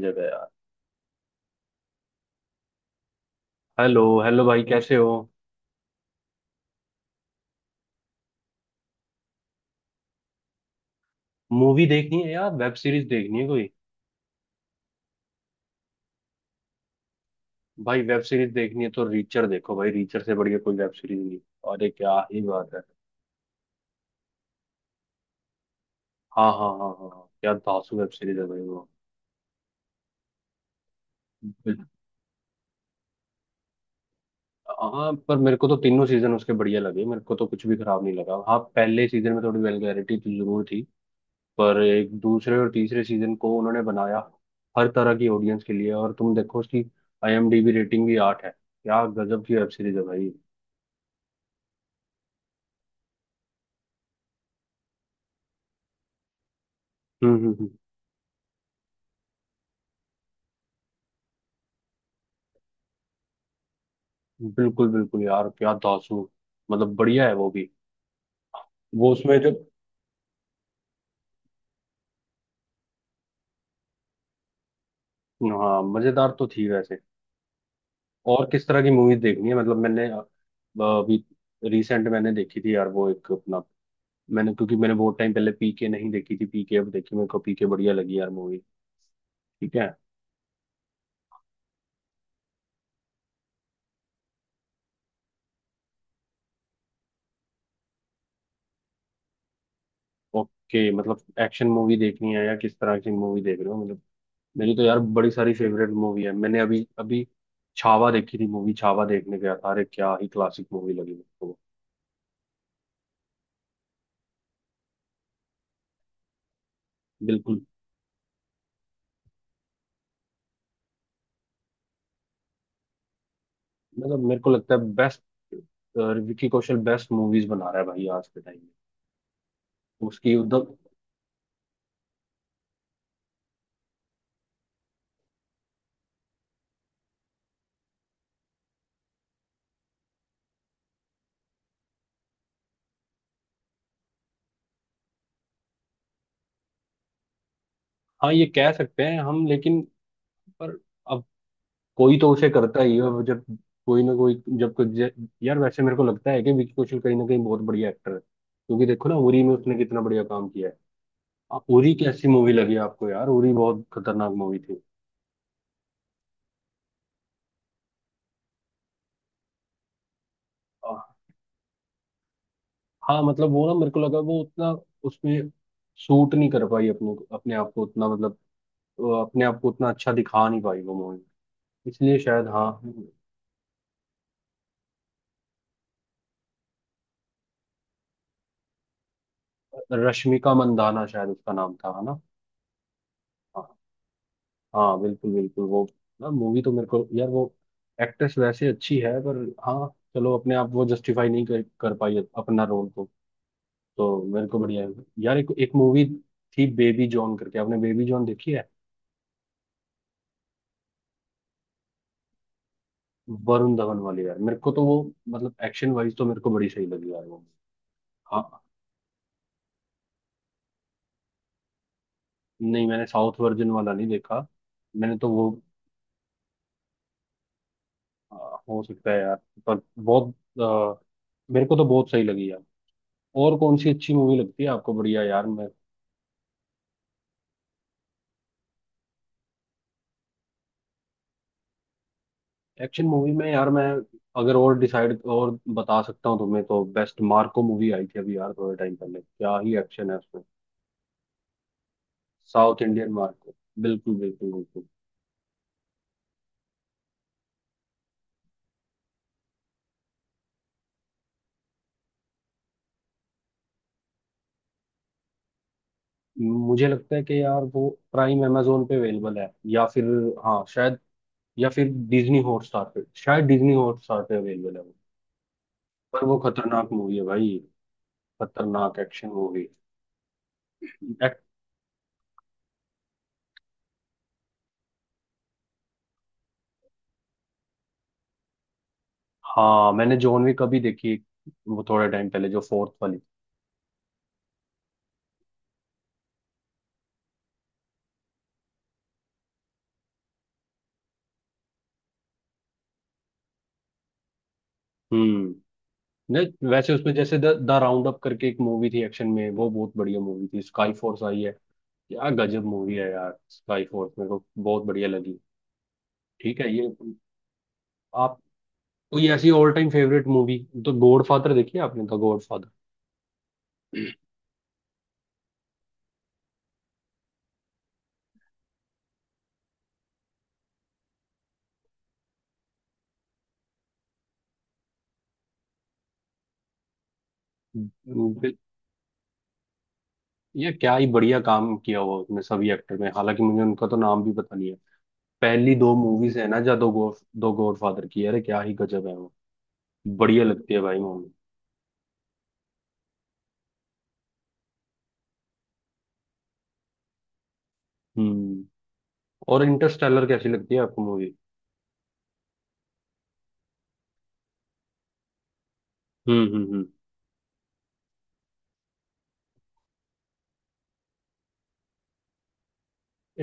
जगह यार। Hello hello भाई, कैसे हो? मूवी देखनी है यार, वेब सीरीज देखनी है कोई? भाई वेब सीरीज देखनी है तो रीचर देखो, भाई रीचर से बढ़िया कोई वेब सीरीज नहीं। अरे क्या ही बात है। हाँ, हाँ, हाँ, हाँ, हाँ, क्या धांसू वेब सीरीज है भाई वो। बिल- हाँ, पर मेरे को तो तीनों सीजन उसके बढ़िया लगे, मेरे को तो कुछ भी खराब नहीं लगा। हाँ, पहले सीजन में थोड़ी वेलगैरिटी तो जरूर थी। पर एक दूसरे और तीसरे सीजन को उन्होंने बनाया हर तरह की ऑडियंस के लिए। और तुम देखो उसकी आईएमडीबी रेटिंग भी 8 है, क्या गजब की वेब सीरीज है भाई। हम्म, हम्म। बिल्कुल बिल्कुल यार, क्या दासू। मतलब बढ़िया है वो भी। वो उसमें जब। हाँ, मजेदार तो थी वैसे। और किस तरह की मूवीज देखनी है? मतलब मैंने अभी रिसेंट मैंने देखी थी यार वो एक अपना। मैंने, क्योंकि मैंने बहुत टाइम पहले पीके नहीं देखी थी, पीके अब देखी, मेरे को पीके बढ़िया लगी यार मूवी। ठीक है। ओके, मतलब एक्शन मूवी देखनी है या किस तरह की मूवी देख रहे हो मतलब? मेरी तो यार बड़ी सारी फेवरेट मूवी है। मैंने अभी अभी छावा देखी थी, मूवी छावा देखने गया था, अरे क्या ही क्लासिक मूवी लगी मेरे को। बिल्कुल। मतलब मेरे को लगता है best Vicky Kaushal best movies बना रहा है भाई आज के टाइम में, उसकी उधम। हाँ, ये कह सकते हैं हम लेकिन। पर। अब। कोई तो उसे करता ही है अब जब। कोई ना कोई। जब कोई यार, वैसे मेरे को लगता है कि विकी कौशल कहीं ना कहीं बहुत बढ़िया एक्टर है, क्योंकि देखो ना उरी में उसने कितना बढ़िया काम किया है। उरी कैसी मूवी लगी आपको यार? उरी बहुत खतरनाक मूवी थी। आ, हाँ, मतलब वो ना मेरे को लगा वो उतना उसमें सूट नहीं कर पाई अपने अपने आप को उतना मतलब। वो अपने आप को उतना अच्छा दिखा नहीं पाई वो मूवी। इसलिए शायद, हाँ। रश्मिका मंदाना शायद उसका नाम था, है ना? हाँ, हाँ, बिल्कुल बिल्कुल वो। ना मूवी तो मेरे को यार वो। एक्ट्रेस वैसे अच्छी है पर हाँ। चलो अपने आप वो जस्टिफाई नहीं कर पाई अपना रोल को। तो मेरे को बढ़िया है। यार एक एक मूवी थी बेबी जॉन करके, आपने बेबी जॉन देखी है? वरुण धवन वाली यार मेरे को तो वो, मतलब एक्शन वाइज तो मेरे को बड़ी सही लगी यार वो। हाँ, नहीं, मैंने साउथ वर्जन वाला नहीं देखा। मैंने तो वो। हाँ, हो सकता है यार। पर बहुत अ, मेरे को तो बहुत सही लगी यार। और कौन सी अच्छी मूवी लगती है आपको? बढ़िया यार मैं। एक्शन मूवी में यार मैं, अगर और डिसाइड और बता सकता हूँ तुम्हें, तो बेस्ट मार्को मूवी आई थी अभी यार थोड़े टाइम पहले, क्या ही एक्शन है उसमें। साउथ इंडियन मार्को, बिल्कुल बिल्कुल बिल्कुल। मुझे लगता है कि यार वो प्राइम अमेजोन पे अवेलेबल है या फिर। हाँ, शायद। या फिर डिज्नी हॉटस्टार पे शायद, डिज्नी हॉटस्टार पे अवेलेबल है वो। पर वो खतरनाक मूवी है भाई। खतरनाक एक्शन मूवी। Act- हाँ, मैंने जॉन विक अभी देखी एक, वो थोड़े टाइम पहले जो फोर्थ वाली। हम्म। नहीं, वैसे उसमें जैसे द राउंड अप करके एक मूवी थी एक्शन में, वो बहुत बढ़िया मूवी थी। स्काई फोर्स आई है। क्या गजब मूवी है यार, स्काई फोर्स मेरे को बहुत बढ़िया लगी। ठीक है, ये आप कोई ऐसी ऑल टाइम फेवरेट मूवी, तो गॉड फादर देखी है आपने, द गॉड फादर? ये क्या ही बढ़िया काम किया हुआ उसने सभी एक्टर में, हालांकि मुझे उनका तो नाम भी पता नहीं है। पहली दो मूवीज है ना, जो दो गॉड फादर की, अरे क्या ही गजब है। बढ़िया लगती है भाई मूवी। हम्म और इंटरस्टेलर कैसी लगती है आपको मूवी? हम्म, हम्म, हम्म।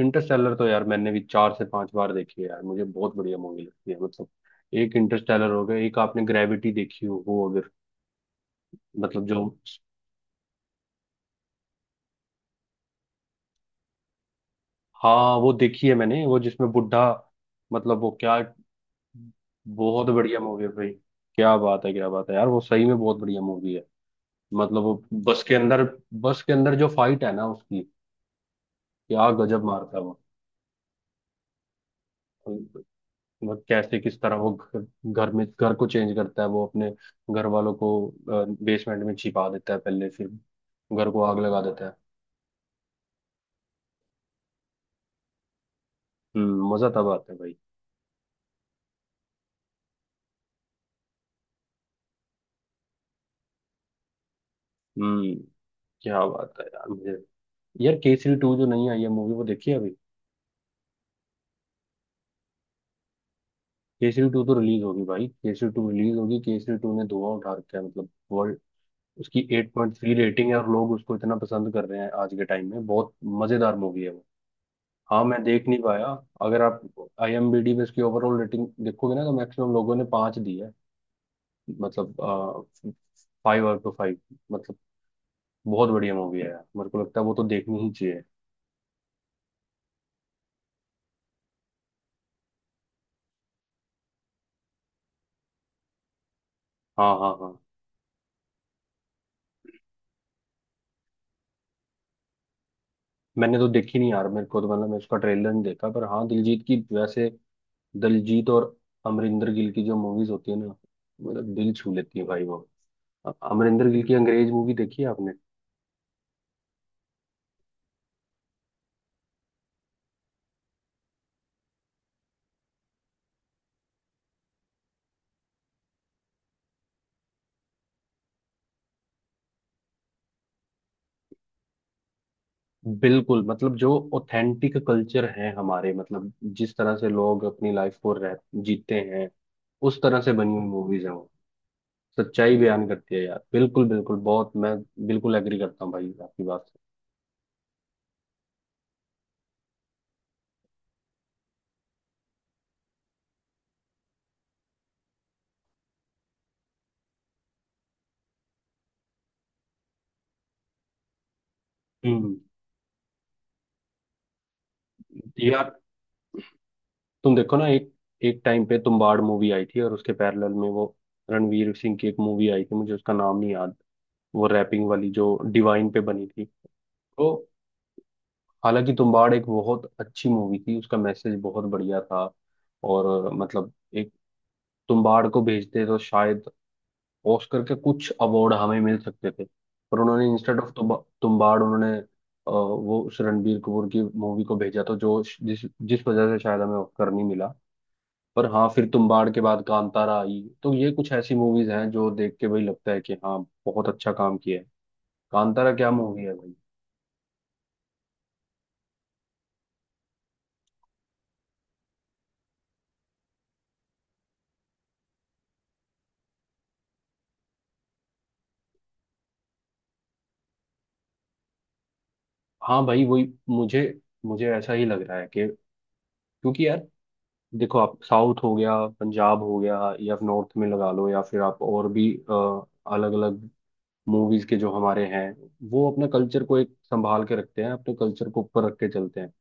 इंटरस्टेलर तो यार मैंने भी 4 से 5 बार देखी है यार, मुझे बहुत बढ़िया मूवी लगती है मतलब। एक इंटरस्टेलर हो गया, एक आपने ग्रेविटी देखी हो वो अगर, मतलब जो। हाँ, वो देखी है मैंने, वो जिसमें बुढ़ा, मतलब वो क्या, बहुत बढ़िया मूवी है भाई। क्या बात है, क्या बात है यार, वो सही में बहुत बढ़िया मूवी है। मतलब वो बस के अंदर, बस के अंदर जो फाइट है ना उसकी, क्या गजब मारता है। वो वो कैसे किस तरह वो घर में घर को चेंज करता है, वो अपने घर वालों को बेसमेंट में छिपा देता है पहले, फिर घर को आग लगा देता है। मजा तब आता है भाई। हम्म क्या बात है यार मुझे। यार केसरी टू जो नहीं आई है मूवी, वो देखी है अभी? केसरी टू तो रिलीज होगी भाई, केसरी टू रिलीज होगी, केसरी टू ने धुआं उठा रखा है मतलब वर्ल्ड। उसकी 8.3 रेटिंग है और लोग उसको इतना पसंद कर रहे हैं, आज के टाइम में बहुत मजेदार मूवी है। हाँ, मैं देख नहीं पाया। अगर आप आईएमबीडी में इसकी ओवरऑल रेटिंग देखोगे ना, तो मैक्सिमम लोगों ने 5 दी है। मतलब 5/5, मतलब बहुत बढ़िया मूवी है यार, मेरे को लगता है वो तो देखनी ही चाहिए। हाँ, हाँ, हाँ। मैंने तो देखी नहीं यार, मेरे को तो मतलब मैं उसका ट्रेलर नहीं देखा, पर हाँ दिलजीत की वैसे, दिलजीत और अमरिंदर गिल की जो मूवीज होती है ना, मतलब दिल छू लेती है भाई वो। अमरिंदर गिल की अंग्रेज मूवी देखी है आपने? बिल्कुल, मतलब जो ऑथेंटिक कल्चर है हमारे मतलब, जिस तरह से लोग अपनी लाइफ को रह, जीते हैं, उस तरह से बनी हुई मूवीज हैं वो। सच्चाई बयान करती है यार, बिल्कुल बिल्कुल, बहुत मैं बिल्कुल एग्री करता हूँ भाई आपकी बात से। हम्म यार तुम देखो ना एक, एक टाइम पे तुम्बाड़ मूवी आई थी और उसके पैरेलल में वो रणवीर सिंह की एक मूवी आई थी, मुझे उसका नाम नहीं याद, वो रैपिंग वाली जो डिवाइन पे बनी थी। तो हालांकि तुम्बाड़ एक बहुत अच्छी मूवी थी, उसका मैसेज बहुत बढ़िया था। और मतलब एक, तुम्बाड़ को भेजते तो शायद ऑस्कर के कुछ अवार्ड हमें मिल सकते थे। पर उन्होंने इंस्टेड ऑफ तुम्बाड़ उन्होंने वो उस रणबीर कपूर की मूवी को भेजा, तो जो जिस जिस वजह से शायद हमें ऑस्कर नहीं मिला। पर हाँ, फिर तुम्बाड़ के बाद कांतारा आई, तो ये कुछ ऐसी मूवीज हैं जो देख के भाई लगता है कि हाँ, बहुत अच्छा काम किया है। कांतारा क्या मूवी है भाई। हाँ भाई, वही मुझे मुझे ऐसा ही लग रहा है कि क्योंकि यार, देखो आप, साउथ हो गया, पंजाब हो गया, या फिर नॉर्थ में लगा लो, या फिर आप और भी अलग अलग मूवीज के जो हमारे हैं, वो अपने कल्चर को एक संभाल के रखते हैं, अपने कल्चर को ऊपर रख के चलते हैं।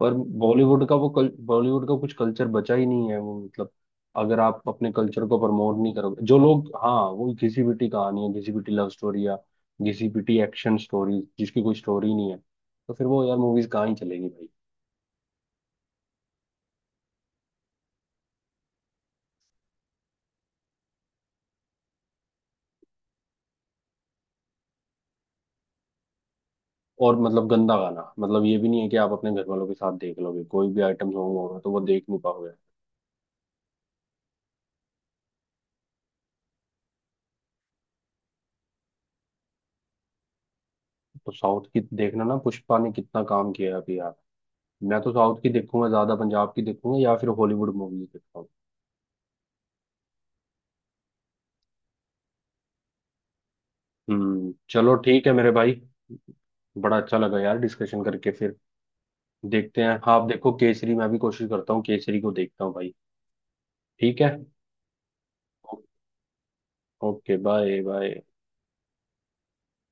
पर बॉलीवुड का कुछ कल्चर बचा ही नहीं है वो मतलब, अगर आप अपने कल्चर को प्रमोट नहीं करोगे, जो लोग, हाँ, वो घिसी पिटी कहानी है, घिसी पिटी लव स्टोरी या घिसी पिटी एक्शन स्टोरी, जिसकी कोई स्टोरी नहीं है, तो फिर वो यार मूवीज कहाँ ही चलेगी। और मतलब गंदा गाना, मतलब ये भी नहीं है कि आप अपने घर वालों के साथ देख लोगे, कोई भी आइटम सॉन्ग होगा तो वो देख नहीं पाओगे। तो साउथ की देखना ना, पुष्पा ने कितना काम किया है अभी यार। मैं तो साउथ की देखूंगा ज्यादा, पंजाब की देखूंगा या फिर हॉलीवुड मूवीज देखता हूँ। चलो ठीक है मेरे भाई, बड़ा अच्छा लगा यार डिस्कशन करके। फिर देखते हैं, हाँ आप देखो केसरी, मैं भी कोशिश करता हूँ, केसरी को देखता हूँ भाई। ठीक है। Okay, bye bye.